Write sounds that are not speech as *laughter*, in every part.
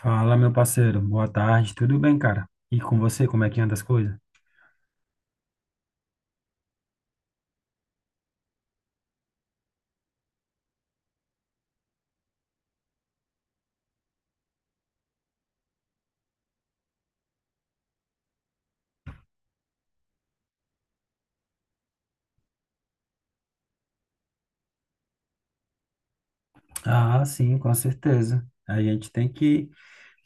Fala, meu parceiro. Boa tarde. Tudo bem, cara? E com você, como é que anda as coisas? Ah, sim, com certeza. A gente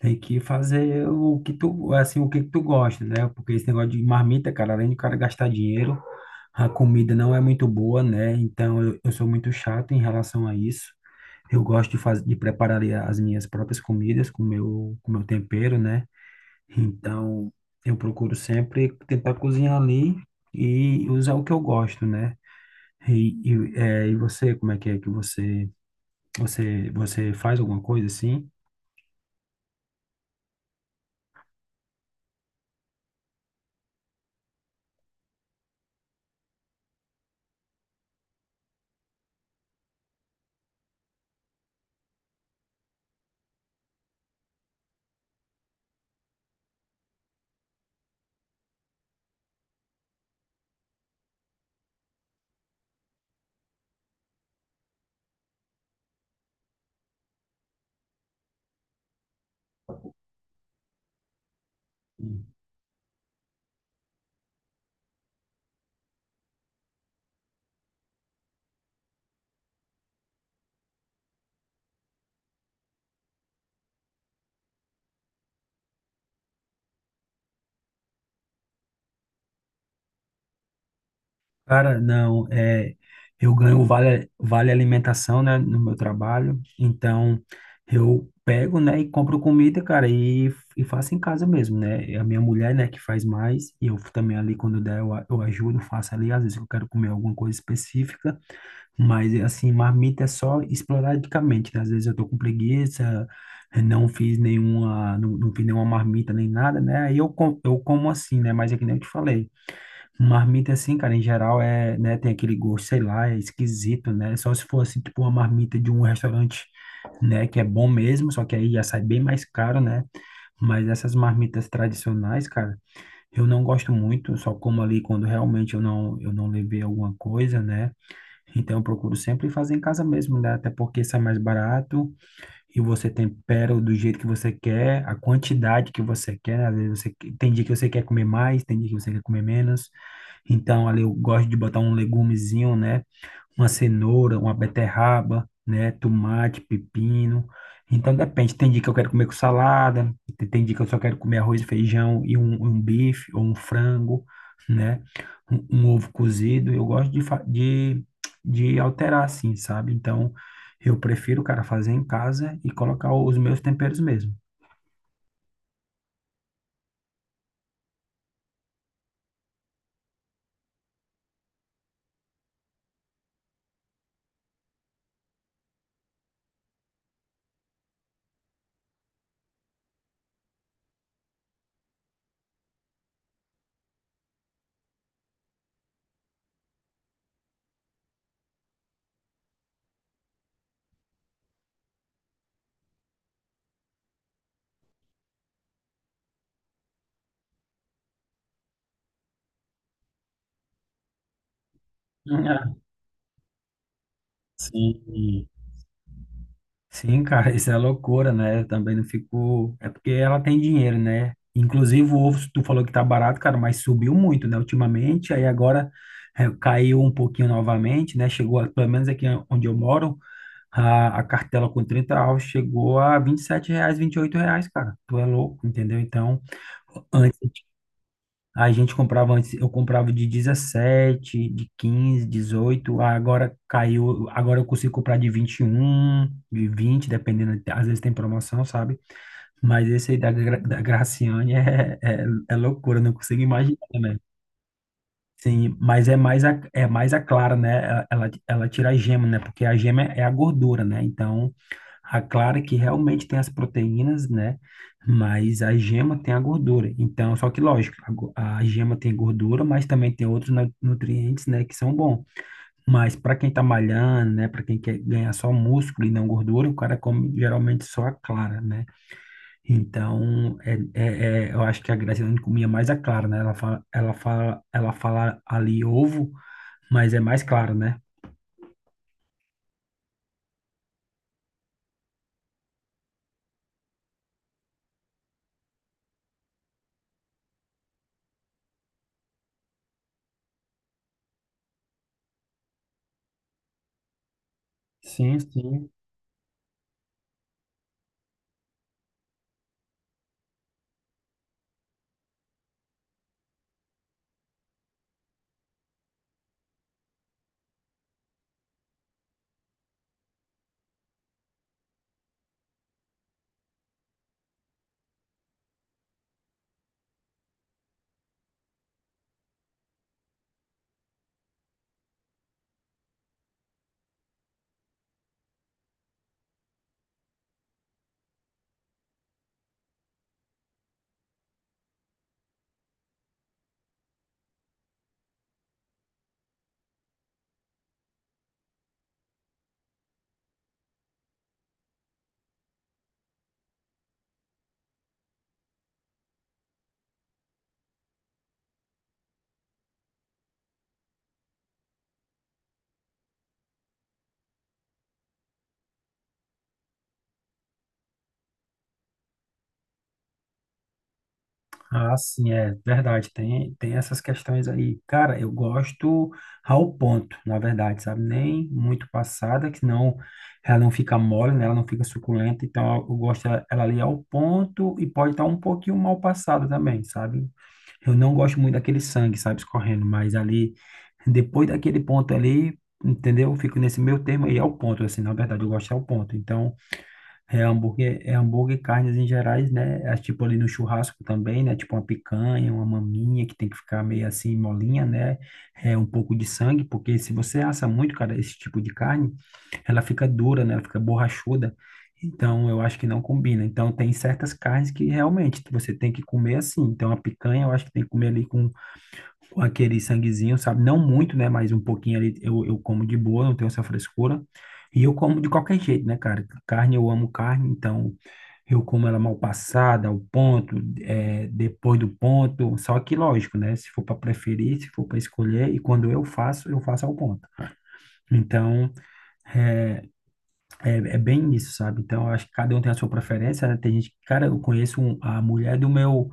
tem que fazer o que tu, assim, o que tu gosta, né? Porque esse negócio de marmita, cara, além do cara gastar dinheiro, a comida não é muito boa, né? Então eu sou muito chato em relação a isso. Eu gosto de fazer, de preparar ali as minhas próprias comidas com com meu tempero, né? Então eu procuro sempre tentar cozinhar ali e usar o que eu gosto, né? E você, como é que você, você, você faz alguma coisa assim? Cara, não, é, eu ganho o vale alimentação, né, no meu trabalho, então eu pego, né, e compro comida, cara, e faço em casa mesmo, né. E a minha mulher, né, que faz mais, e eu também ali, quando der, eu ajudo, faço ali, às vezes eu quero comer alguma coisa específica. Mas, assim, marmita é só esporadicamente, né? Às vezes eu tô com preguiça, não fiz nenhuma, não fiz nenhuma marmita nem nada, né? Eu como assim, né? Mas é que nem eu te falei. Marmita, assim, cara, em geral é, né? Tem aquele gosto, sei lá, é esquisito, né? Só se for, assim, tipo uma marmita de um restaurante, né? Que é bom mesmo, só que aí já sai bem mais caro, né? Mas essas marmitas tradicionais, cara, eu não gosto muito, só como ali quando realmente eu não levei alguma coisa, né? Então, eu procuro sempre fazer em casa mesmo, né? Até porque sai mais barato e você tempera do jeito que você quer, a quantidade que você quer, né? Às vezes tem dia que você quer comer mais, tem dia que você quer comer menos. Então, ali eu gosto de botar um legumezinho, né? Uma cenoura, uma beterraba, né? Tomate, pepino. Então depende. Tem dia que eu quero comer com salada, tem dia que eu só quero comer arroz e feijão e um bife ou um frango, né? Um ovo cozido. Eu gosto de alterar assim, sabe? Então eu prefiro, cara, fazer em casa e colocar os meus temperos mesmo. Ah, sim. Sim, cara, isso é loucura, né? Eu também não fico. É porque ela tem dinheiro, né? Inclusive, o ovo, tu falou que tá barato, cara, mas subiu muito, né, ultimamente. Aí agora é, caiu um pouquinho novamente, né? Pelo menos aqui onde eu moro, a cartela com 30 ovos chegou a R$ 27, R$ 28, cara. Tu é louco, entendeu? Então, antes. A gente comprava antes, eu comprava de 17 de 15 18 agora caiu, agora eu consigo comprar de 21 de 20 dependendo, às vezes tem promoção, sabe? Mas esse aí da Graciane é loucura, eu não consigo imaginar, né? Sim, mas é mais é mais a clara, né? Ela tira a gema, né? Porque a gema é a gordura, né? Então, a clara que realmente tem as proteínas, né? Mas a gema tem a gordura. Então, só que lógico, a gema tem gordura, mas também tem outros nutrientes, né? Que são bons. Mas para quem tá malhando, né? Para quem quer ganhar só músculo e não gordura, o cara come geralmente só a clara, né? Então, eu acho que a Graciane comia mais a clara, né? Ela fala ali ovo, mas é mais claro, né? Sim, sim. Ah, sim, é verdade. Tem essas questões aí. Cara, eu gosto ao ponto, na verdade, sabe? Nem muito passada, que senão ela não fica mole, né? Ela não fica suculenta. Então, eu gosto ela ali ao ponto e pode estar um pouquinho mal passada também, sabe? Eu não gosto muito daquele sangue, sabe, escorrendo, mas ali, depois daquele ponto ali, entendeu? Eu fico nesse meio termo aí, é o ponto, assim, na verdade, eu gosto é o ponto. Então, é hambúrguer e carnes em gerais, né? É tipo ali no churrasco também, né? Tipo uma picanha, uma maminha que tem que ficar meio assim molinha, né? É um pouco de sangue, porque se você assa muito, cara, esse tipo de carne, ela fica dura, né? Ela fica borrachuda. Então, eu acho que não combina. Então, tem certas carnes que realmente você tem que comer assim. Então, a picanha eu acho que tem que comer ali aquele sanguezinho, sabe? Não muito, né? Mas um pouquinho ali eu como de boa, não tenho essa frescura. E eu como de qualquer jeito, né, cara? Carne, eu amo carne, então eu como ela mal passada, ao ponto, é, depois do ponto. Só que, lógico, né? Se for para preferir, se for para escolher, e quando eu faço ao ponto. Então, é bem isso, sabe? Então, eu acho que cada um tem a sua preferência, né? Tem gente, cara, eu conheço um- a mulher do meu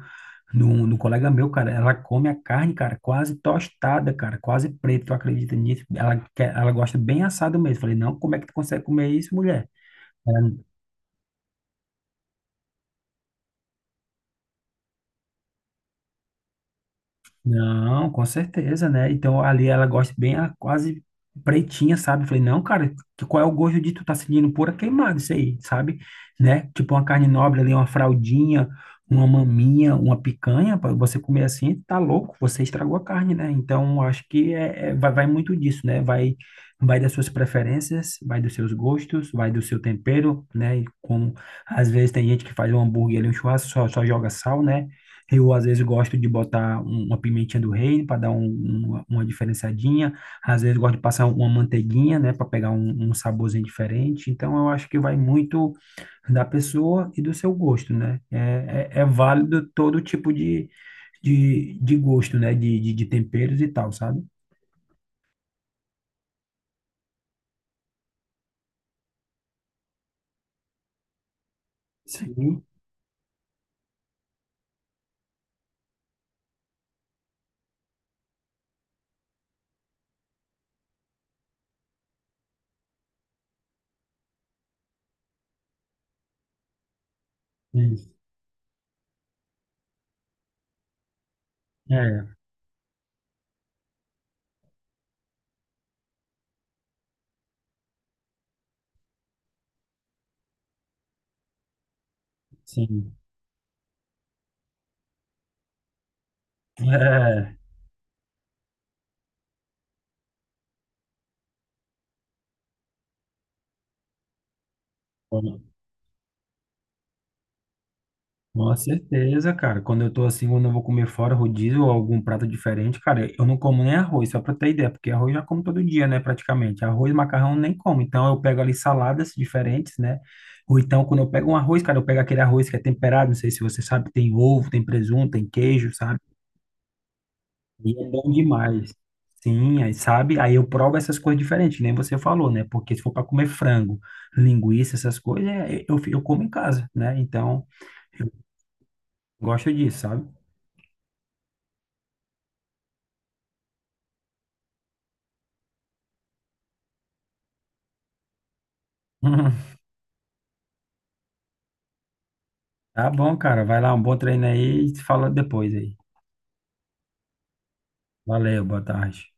no, no colega meu, cara, ela come a carne, cara, quase tostada, cara, quase preta, tu acredita nisso? Ela gosta bem assado mesmo. Falei, não, como é que tu consegue comer isso, mulher? Não, com certeza, né? Então ali ela gosta bem, ela quase pretinha, sabe? Falei, não, cara, qual é o gosto de tu tá sentindo pura queimada isso aí, sabe? Né? Tipo uma carne nobre ali, uma fraldinha, uma maminha, uma picanha, para você comer assim, tá louco, você estragou a carne, né? Então acho que vai, vai muito disso, né? Vai, vai das suas preferências, vai dos seus gostos, vai do seu tempero, né? E como às vezes tem gente que faz um hambúrguer ali, um churrasco, só joga sal, né? Eu, às vezes, gosto de botar uma pimentinha do reino para dar uma diferenciadinha. Às vezes, gosto de passar uma manteiguinha, né, para pegar um saborzinho diferente. Então, eu acho que vai muito da pessoa e do seu gosto, né? É válido todo tipo de gosto, né, de temperos e tal, sabe? Sim. Sim. É, sim. É. Com certeza, cara. Quando eu tô assim, quando eu vou comer fora rodízio ou algum prato diferente, cara, eu não como nem arroz, só pra ter ideia, porque arroz eu já como todo dia, né, praticamente. Arroz, macarrão nem como. Então eu pego ali saladas diferentes, né? Ou então quando eu pego um arroz, cara, eu pego aquele arroz que é temperado, não sei se você sabe, tem ovo, tem presunto, tem queijo, sabe? E é bom demais. Sim, aí sabe? Aí eu provo essas coisas diferentes, que nem você falou, né? Porque se for para comer frango, linguiça, essas coisas, é, eu como em casa, né? Então, eu gosto disso, sabe? *laughs* Tá bom, cara. Vai lá, um bom treino aí e se fala depois aí. Valeu, boa tarde.